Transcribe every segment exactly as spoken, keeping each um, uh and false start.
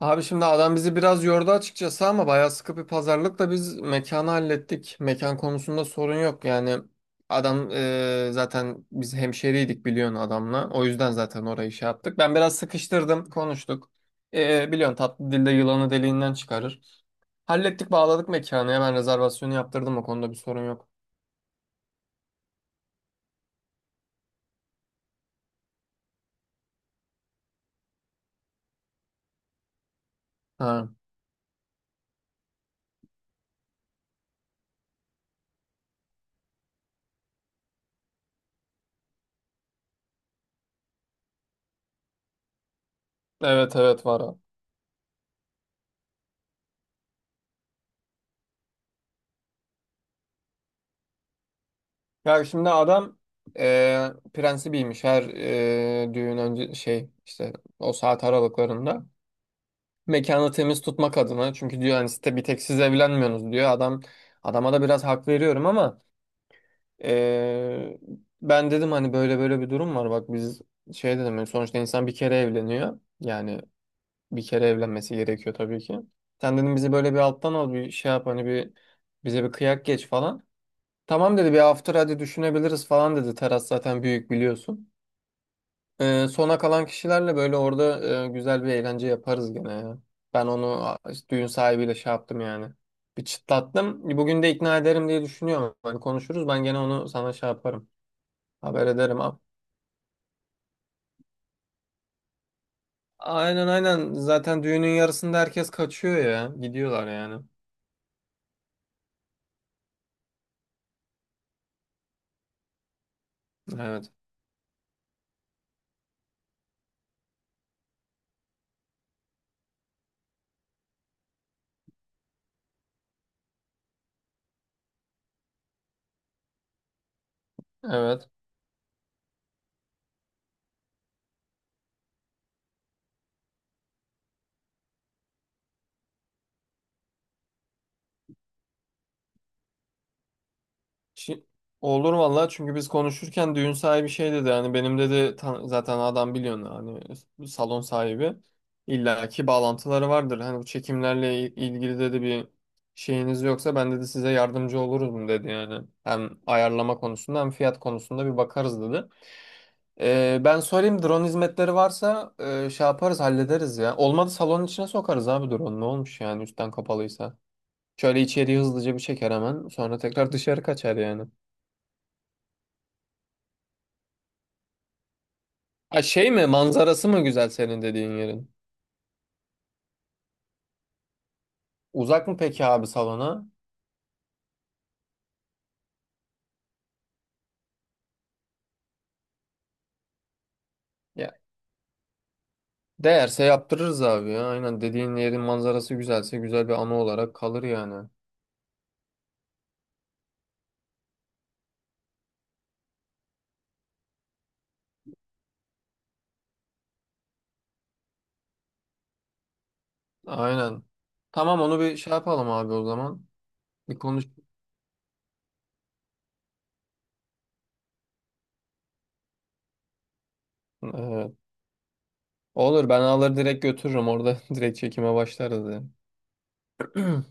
Abi şimdi adam bizi biraz yordu açıkçası ama bayağı sıkı bir pazarlıkla biz mekanı hallettik. Mekan konusunda sorun yok yani. Adam e, zaten biz hemşeriydik biliyorsun adamla. O yüzden zaten orayı şey yaptık. Ben biraz sıkıştırdım, konuştuk. E, biliyorsun tatlı dilde yılanı deliğinden çıkarır. Hallettik, bağladık mekanı. Hemen rezervasyonu yaptırdım, o konuda bir sorun yok. Ha. Evet, evet, var o. Ya şimdi adam e, prensibiymiş her e, düğün önce şey işte o saat aralıklarında. Mekanı temiz tutmak adına. Çünkü diyor hani site bir tek siz evlenmiyorsunuz diyor. Adam adama da biraz hak veriyorum ama eee, ben dedim hani böyle böyle bir durum var. Bak biz şey dedim hani sonuçta insan bir kere evleniyor. Yani bir kere evlenmesi gerekiyor tabii ki. Sen dedim bizi böyle bir alttan al bir şey yap hani bir bize bir kıyak geç falan. Tamam dedi, bir after hadi düşünebiliriz falan dedi. Teras zaten büyük biliyorsun. Ee, sona kalan kişilerle böyle orada e, güzel bir eğlence yaparız gene ya. Ben onu a- işte düğün sahibiyle şey yaptım yani. Bir çıtlattım. Bugün de ikna ederim diye düşünüyorum. Hani konuşuruz, ben gene onu sana şey yaparım. Haber ederim. A- Aynen, aynen. Zaten düğünün yarısında herkes kaçıyor ya. Gidiyorlar yani. Evet. Evet. Şi- Olur vallahi, çünkü biz konuşurken düğün sahibi şey dedi hani benim dedi tan- zaten adam biliyorsun hani salon sahibi illaki bağlantıları vardır. Hani bu çekimlerle il- ilgili dedi, bir şeyiniz yoksa ben dedi size yardımcı olurum dedi yani. Hem ayarlama konusunda hem fiyat konusunda bir bakarız dedi. Ee, ben sorayım, drone hizmetleri varsa e, şey yaparız hallederiz ya. Olmadı salonun içine sokarız abi, drone ne olmuş yani üstten kapalıysa. Şöyle içeriği hızlıca bir çeker, hemen sonra tekrar dışarı kaçar yani. Ha şey mi, manzarası mı güzel senin dediğin yerin? Uzak mı peki abi salona? Ya değerse yaptırırız abi ya. Aynen, dediğin yerin manzarası güzelse güzel bir anı olarak kalır yani. Aynen. Tamam, onu bir şey yapalım abi o zaman. Bir konuş. Evet. Olur, ben alır direkt götürürüm orada direkt çekime başlarız yani.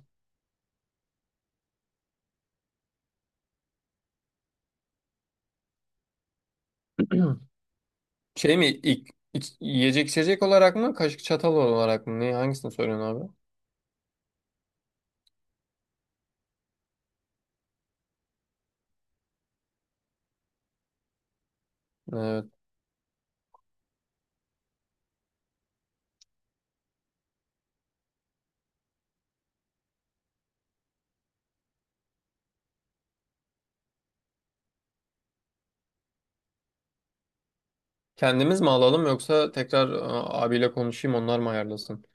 Şey mi ilk, iç- yiyecek içecek olarak mı, kaşık çatal olarak mı? Ne, hangisini söylüyorsun abi? Evet. Kendimiz mi alalım yoksa tekrar e, abiyle konuşayım, onlar mı ayarlasın?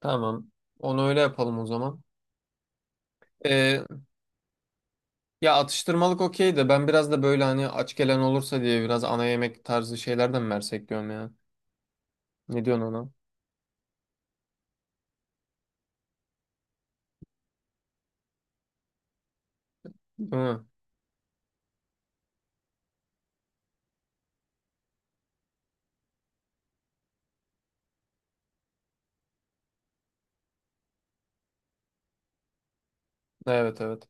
Tamam. Onu öyle yapalım o zaman. Ee, Ya atıştırmalık okey de ben biraz da böyle hani aç gelen olursa diye biraz ana yemek tarzı şeylerden mi versek diyorum ya. Ne diyorsun ona? Değil mi? Evet, evet.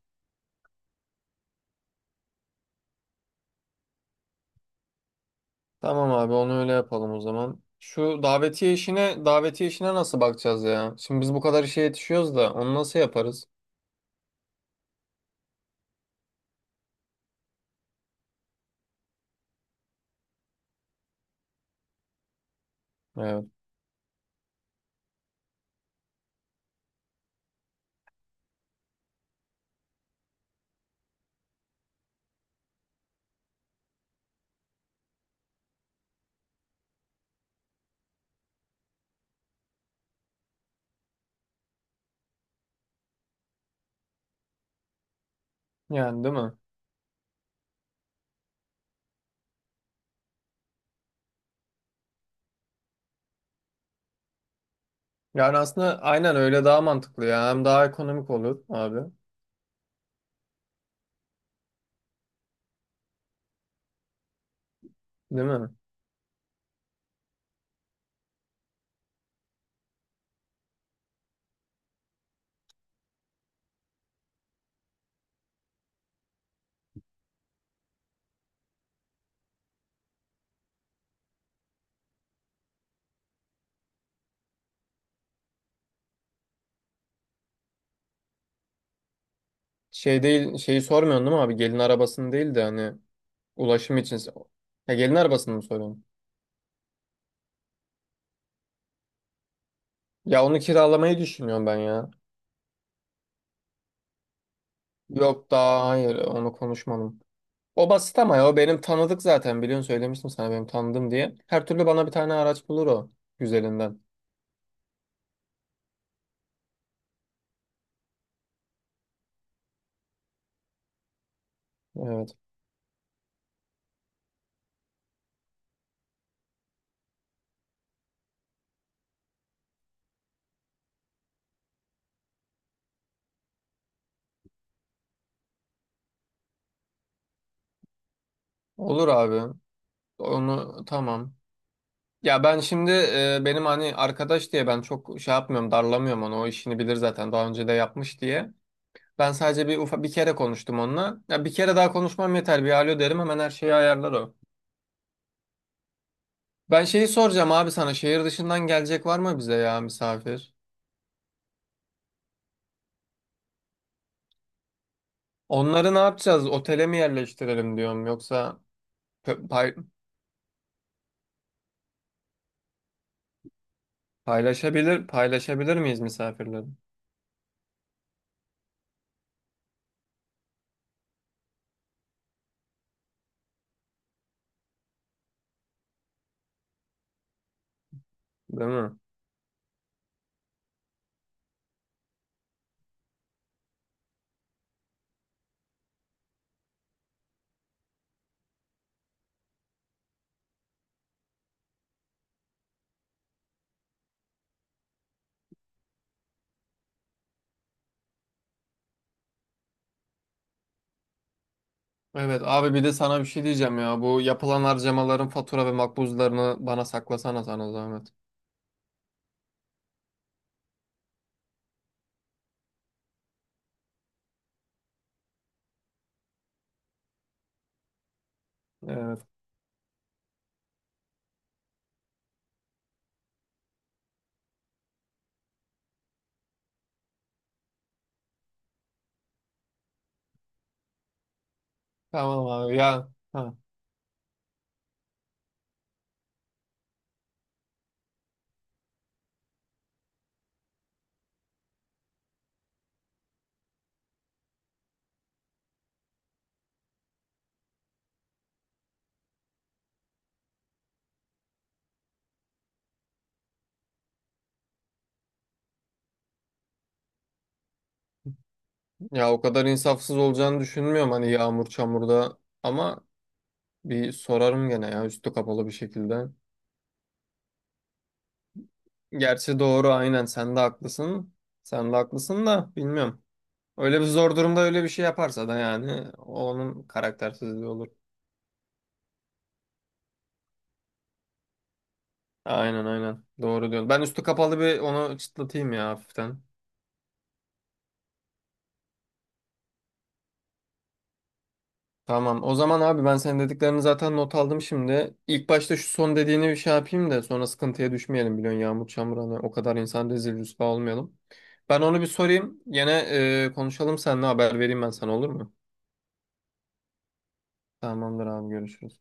Tamam abi, onu öyle yapalım o zaman. Şu davetiye işine davetiye işine nasıl bakacağız ya? Şimdi biz bu kadar işe yetişiyoruz da onu nasıl yaparız? Evet. Yani değil mi? Yani aslında aynen öyle, daha mantıklı ya. Hem daha ekonomik olur abi. Değil mi? Şey değil, şeyi sormuyorsun değil mi abi? Gelin arabasını değil de hani ulaşım için. Ya gelin arabasını mı soruyorsun? Ya onu kiralamayı düşünüyorum ben ya. Yok daha, hayır, onu konuşmadım. O basit ama ya o benim tanıdık zaten, biliyorsun söylemiştim sana benim tanıdığım diye. Her türlü bana bir tane araç bulur o güzelinden. Evet. Olur abi. Onu tamam. Ya ben şimdi e, benim hani arkadaş diye ben çok şey yapmıyorum, darlamıyorum onu, o işini bilir zaten daha önce de yapmış diye. Ben sadece bir ufa, bir kere konuştum onunla. Ya bir kere daha konuşmam yeter, bir alo derim, hemen her şeyi ayarlar o. Ben şeyi soracağım abi sana, şehir dışından gelecek var mı bize ya, misafir? Onları ne yapacağız? Otele mi yerleştirelim diyorum, yoksa pö- pay- paylaşabilir, paylaşabilir miyiz misafirleri? Değil mi? Evet abi, bir de sana bir şey diyeceğim ya. Bu yapılan harcamaların fatura ve makbuzlarını bana saklasana, sana zahmet. Evet. Evet. Tamam abi ya. Ha. Ya o kadar insafsız olacağını düşünmüyorum hani yağmur çamurda, ama bir sorarım gene ya üstü kapalı bir şekilde. Gerçi doğru, aynen, sen de haklısın. Sen de haklısın da bilmiyorum. Öyle bir zor durumda öyle bir şey yaparsa da yani onun karaktersizliği olur. Aynen, aynen, doğru diyorsun. Ben üstü kapalı bir onu çıtlatayım ya hafiften. Tamam o zaman abi, ben senin dediklerini zaten not aldım şimdi. İlk başta şu son dediğini bir şey yapayım da sonra sıkıntıya düşmeyelim, biliyorsun yağmur çamur hani, o kadar insan rezil rüsva olmayalım. Ben onu bir sorayım. Yine e, konuşalım seninle, haber vereyim ben sana, olur mu? Tamamdır abi, görüşürüz.